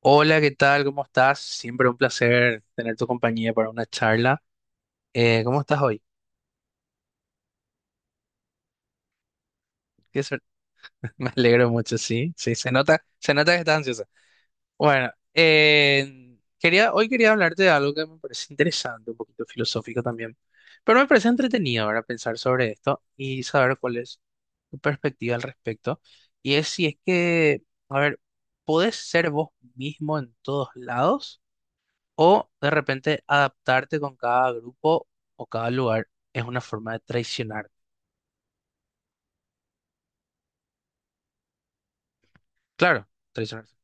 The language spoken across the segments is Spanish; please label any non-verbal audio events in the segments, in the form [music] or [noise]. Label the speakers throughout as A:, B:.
A: Hola, ¿qué tal? ¿Cómo estás? Siempre un placer tener tu compañía para una charla. ¿Cómo estás hoy? Qué suer- [laughs] Me alegro mucho, sí, sí, se nota que estás ansiosa. Bueno, hoy quería hablarte de algo que me parece interesante, un poquito filosófico también, pero me parece entretenido ahora pensar sobre esto y saber cuál es tu perspectiva al respecto. Y es si es que, a ver, ¿podés ser vos mismo en todos lados? O de repente adaptarte con cada grupo o cada lugar es una forma de traicionar. Claro, traicionarse.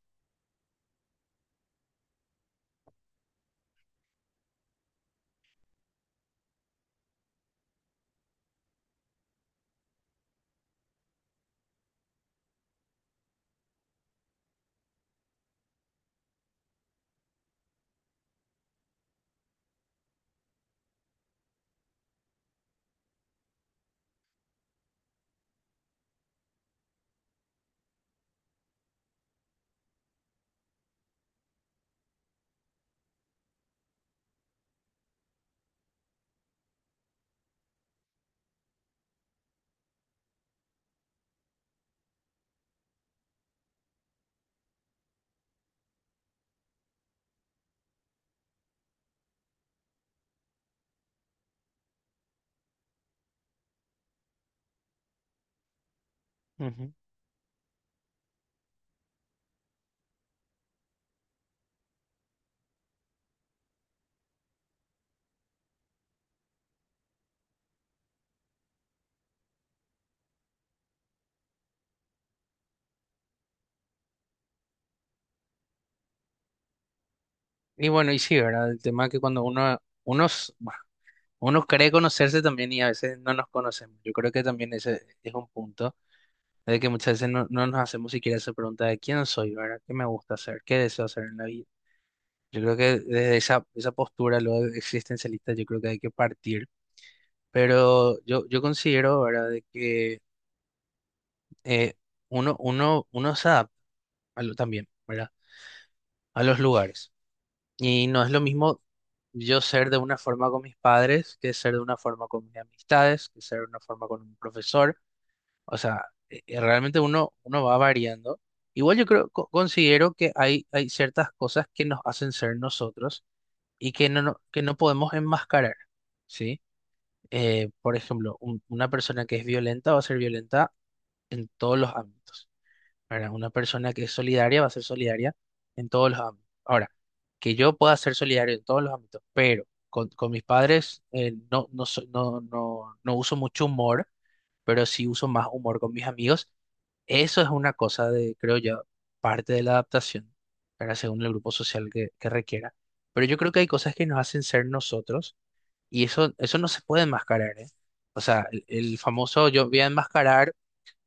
A: Ujú. Y bueno, y sí, ¿verdad? El tema que cuando uno, unos, bueno, uno cree conocerse también y a veces no nos conocemos. Yo creo que también ese es un punto de que muchas veces no nos hacemos siquiera esa pregunta de quién soy, ¿verdad? ¿Qué me gusta hacer? ¿Qué deseo hacer en la vida? Yo creo que desde esa postura, lo existencialista, yo creo que hay que partir. Pero yo considero, ¿verdad?, de que eh, uno se adapta también, ¿verdad? A los lugares. Y no es lo mismo yo ser de una forma con mis padres que ser de una forma con mis amistades, que ser de una forma con un profesor. O sea, realmente uno va variando. Igual yo creo, considero que hay ciertas cosas que nos hacen ser nosotros y que que no podemos enmascarar, ¿sí? Por ejemplo, una persona que es violenta va a ser violenta en todos los ámbitos. ¿Verdad? Una persona que es solidaria va a ser solidaria en todos los ámbitos. Ahora, que yo pueda ser solidario en todos los ámbitos, pero con mis padres no uso mucho humor, pero sí uso más humor con mis amigos. Eso es una cosa de, creo yo, parte de la adaptación, ¿verdad? Según el grupo social que requiera. Pero yo creo que hay cosas que nos hacen ser nosotros y eso no se puede enmascarar, ¿eh? O sea, el famoso yo voy a enmascarar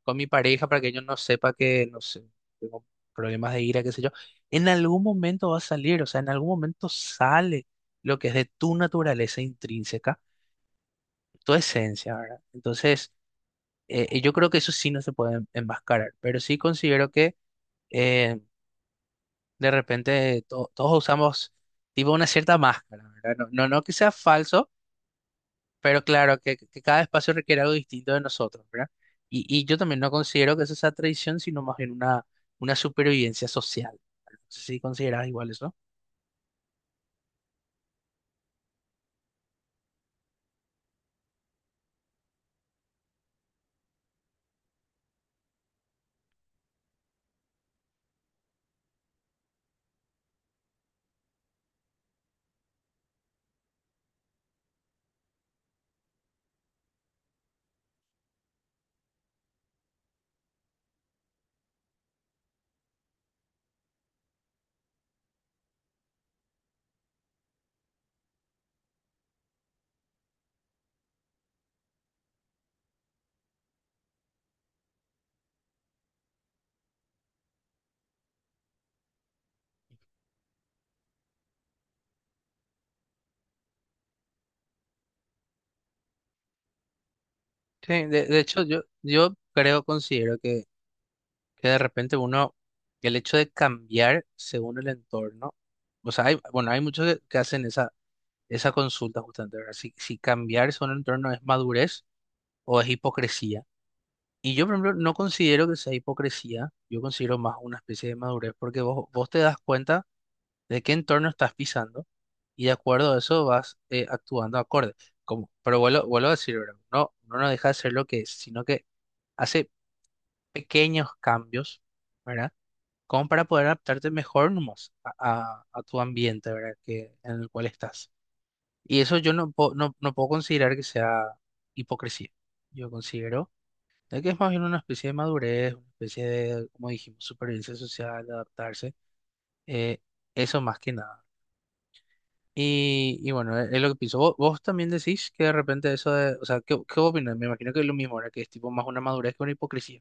A: con mi pareja para que ellos no sepa que, no sé, tengo problemas de ira, qué sé yo, en algún momento va a salir, o sea, en algún momento sale lo que es de tu naturaleza intrínseca, tu esencia, ¿verdad? Entonces, yo creo que eso sí no se puede enmascarar, pero sí considero que eh, de repente todos usamos tipo una cierta máscara, ¿verdad? No que sea falso. Pero claro, que cada espacio requiere algo distinto de nosotros, ¿verdad? Y yo también no considero que eso sea tradición, sino más bien una supervivencia social. No sé si consideras igual eso. Sí, de hecho, yo creo, considero que de repente uno, el hecho de cambiar según el entorno, o sea, hay, bueno, hay muchos que hacen esa consulta justamente, ¿verdad? Si cambiar según el entorno es madurez o es hipocresía. Y yo, por ejemplo, no considero que sea hipocresía, yo considero más una especie de madurez, porque vos te das cuenta de qué entorno estás pisando y de acuerdo a eso vas actuando acorde. Como, pero vuelvo a decir, ¿verdad? No nos deja de ser lo que es, sino que hace pequeños cambios, ¿verdad? Como para poder adaptarte mejor nomás a tu ambiente, ¿verdad? Que, en el cual estás. Y eso yo no puedo considerar que sea hipocresía. Yo considero es que es más bien una especie de madurez, una especie de, como dijimos, supervivencia social, de adaptarse, eh, eso más que nada. Y bueno, es lo que pienso. Vos también decís que de repente eso de, o sea, qué opinas? Me imagino que es lo mismo, ahora que es tipo más una madurez que una hipocresía.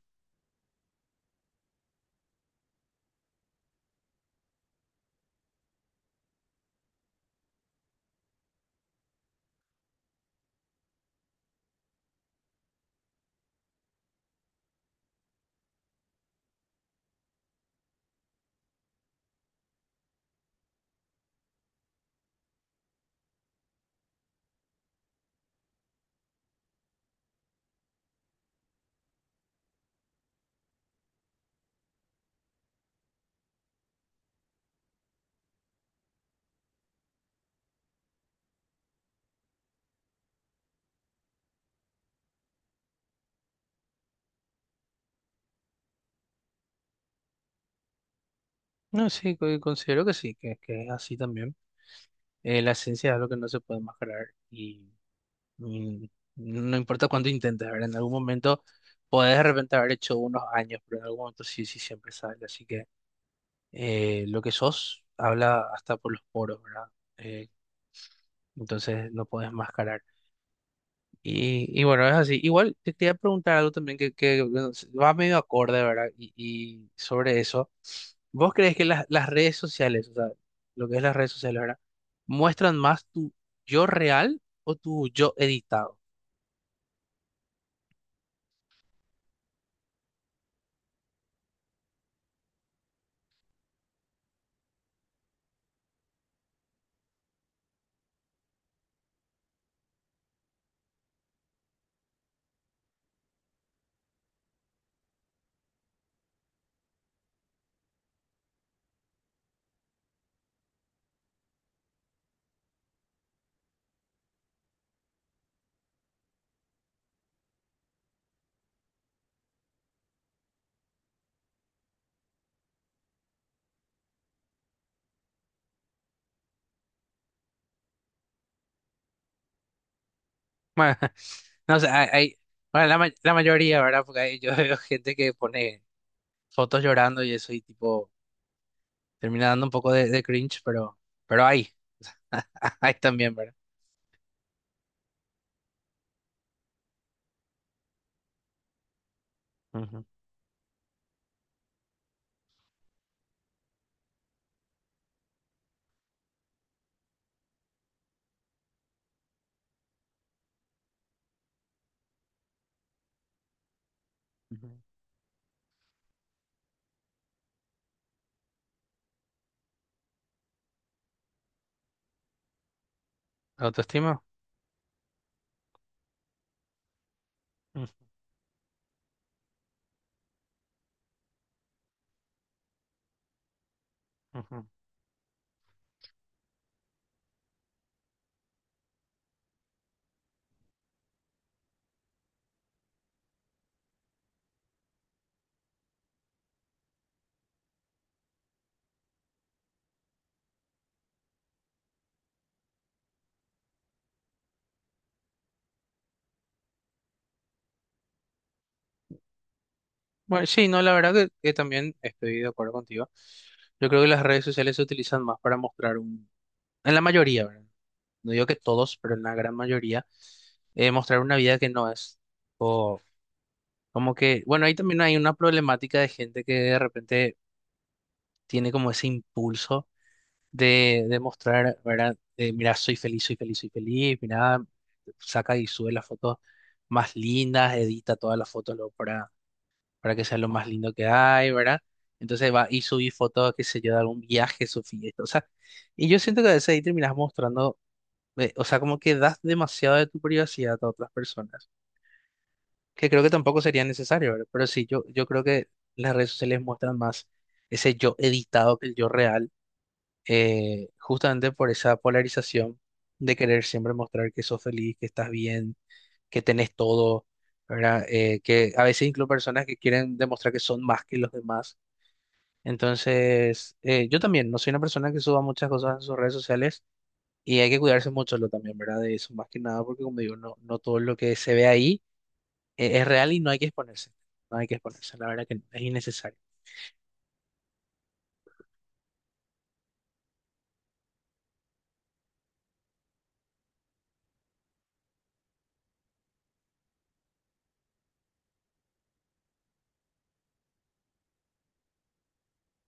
A: No, sí, considero que sí, que es así también. La esencia es algo que no se puede mascarar y no importa cuánto intentes, ¿verdad? En algún momento podés de repente haber hecho unos años, pero en algún momento sí, sí, siempre sale, así que... lo que sos habla hasta por los poros, ¿verdad? Eh, entonces no podés mascarar. Y bueno, es así. Igual te quería preguntar algo también que bueno, va medio acorde, ¿verdad? Y sobre eso, ¿vos crees que las redes sociales, o sea, lo que es las redes sociales, ¿verdad? ¿Muestran más tu yo real o tu yo editado? Bueno, [laughs] no sé, bueno, la mayoría, ¿verdad? Porque hay- yo veo gente que pone fotos llorando y eso y tipo... Termina dando un poco de cringe, pero hay, [laughs] hay también, ¿verdad? Ujú, ujú. Autoestima. Ujú, ujú. Bueno, sí, no, la verdad que también estoy de acuerdo contigo. Yo creo que las redes sociales se utilizan más para mostrar un, en la mayoría, ¿verdad? No digo que todos, pero en la gran mayoría, mostrar una vida que no es. O como que, bueno, ahí también hay una problemática de gente que de repente tiene como ese impulso. De mostrar, ¿verdad? De, mira, soy feliz, soy feliz, soy feliz, mira, saca y sube las fotos más lindas, edita todas las fotos luego para que sea lo más lindo que hay, ¿verdad? Entonces va y subí fotos, qué sé yo, de algún viaje, su fiesta, o sea, y yo siento que a veces ahí terminas mostrando, o sea, como que das demasiado de tu privacidad a otras personas, que creo que tampoco sería necesario, ¿verdad? Pero sí, yo creo que las redes sociales muestran más ese yo editado que el yo real justamente por esa polarización de querer siempre mostrar que sos feliz, que estás bien, que tenés todo, ¿verdad? Que a veces incluso personas que quieren demostrar que son más que los demás. Entonces, yo también no soy una persona que suba muchas cosas en sus redes sociales y hay que cuidarse mucho lo también, ¿verdad? De eso, más que nada, porque como digo, no todo lo que se ve ahí es real y no hay que exponerse. No hay que exponerse, la verdad que es innecesario.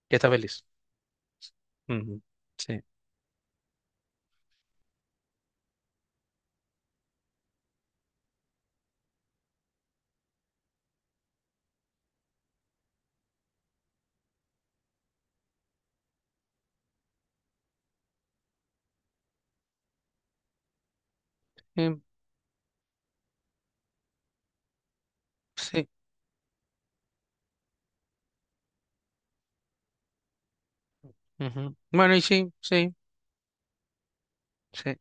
A: Que estás feliz. Ujú. Sí. Em, sí. Ujú. Bueno, y sí, sí. Sí.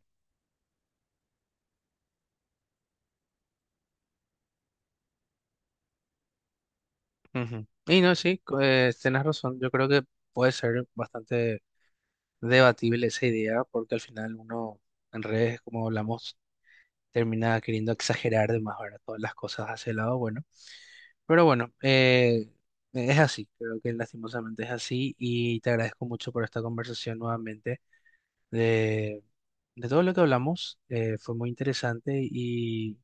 A: Ujú. Y no, sí, tienes razón. Yo creo que puede ser bastante debatible esa idea, porque al final uno en redes, como hablamos, termina queriendo exagerar de más, ¿verdad? Todas las cosas hacia el lado bueno. Pero bueno, es así, creo que lastimosamente es así. Y te agradezco mucho por esta conversación nuevamente de, de todo lo que hablamos. Fue muy interesante y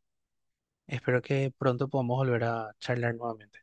A: espero que pronto podamos volver a charlar nuevamente.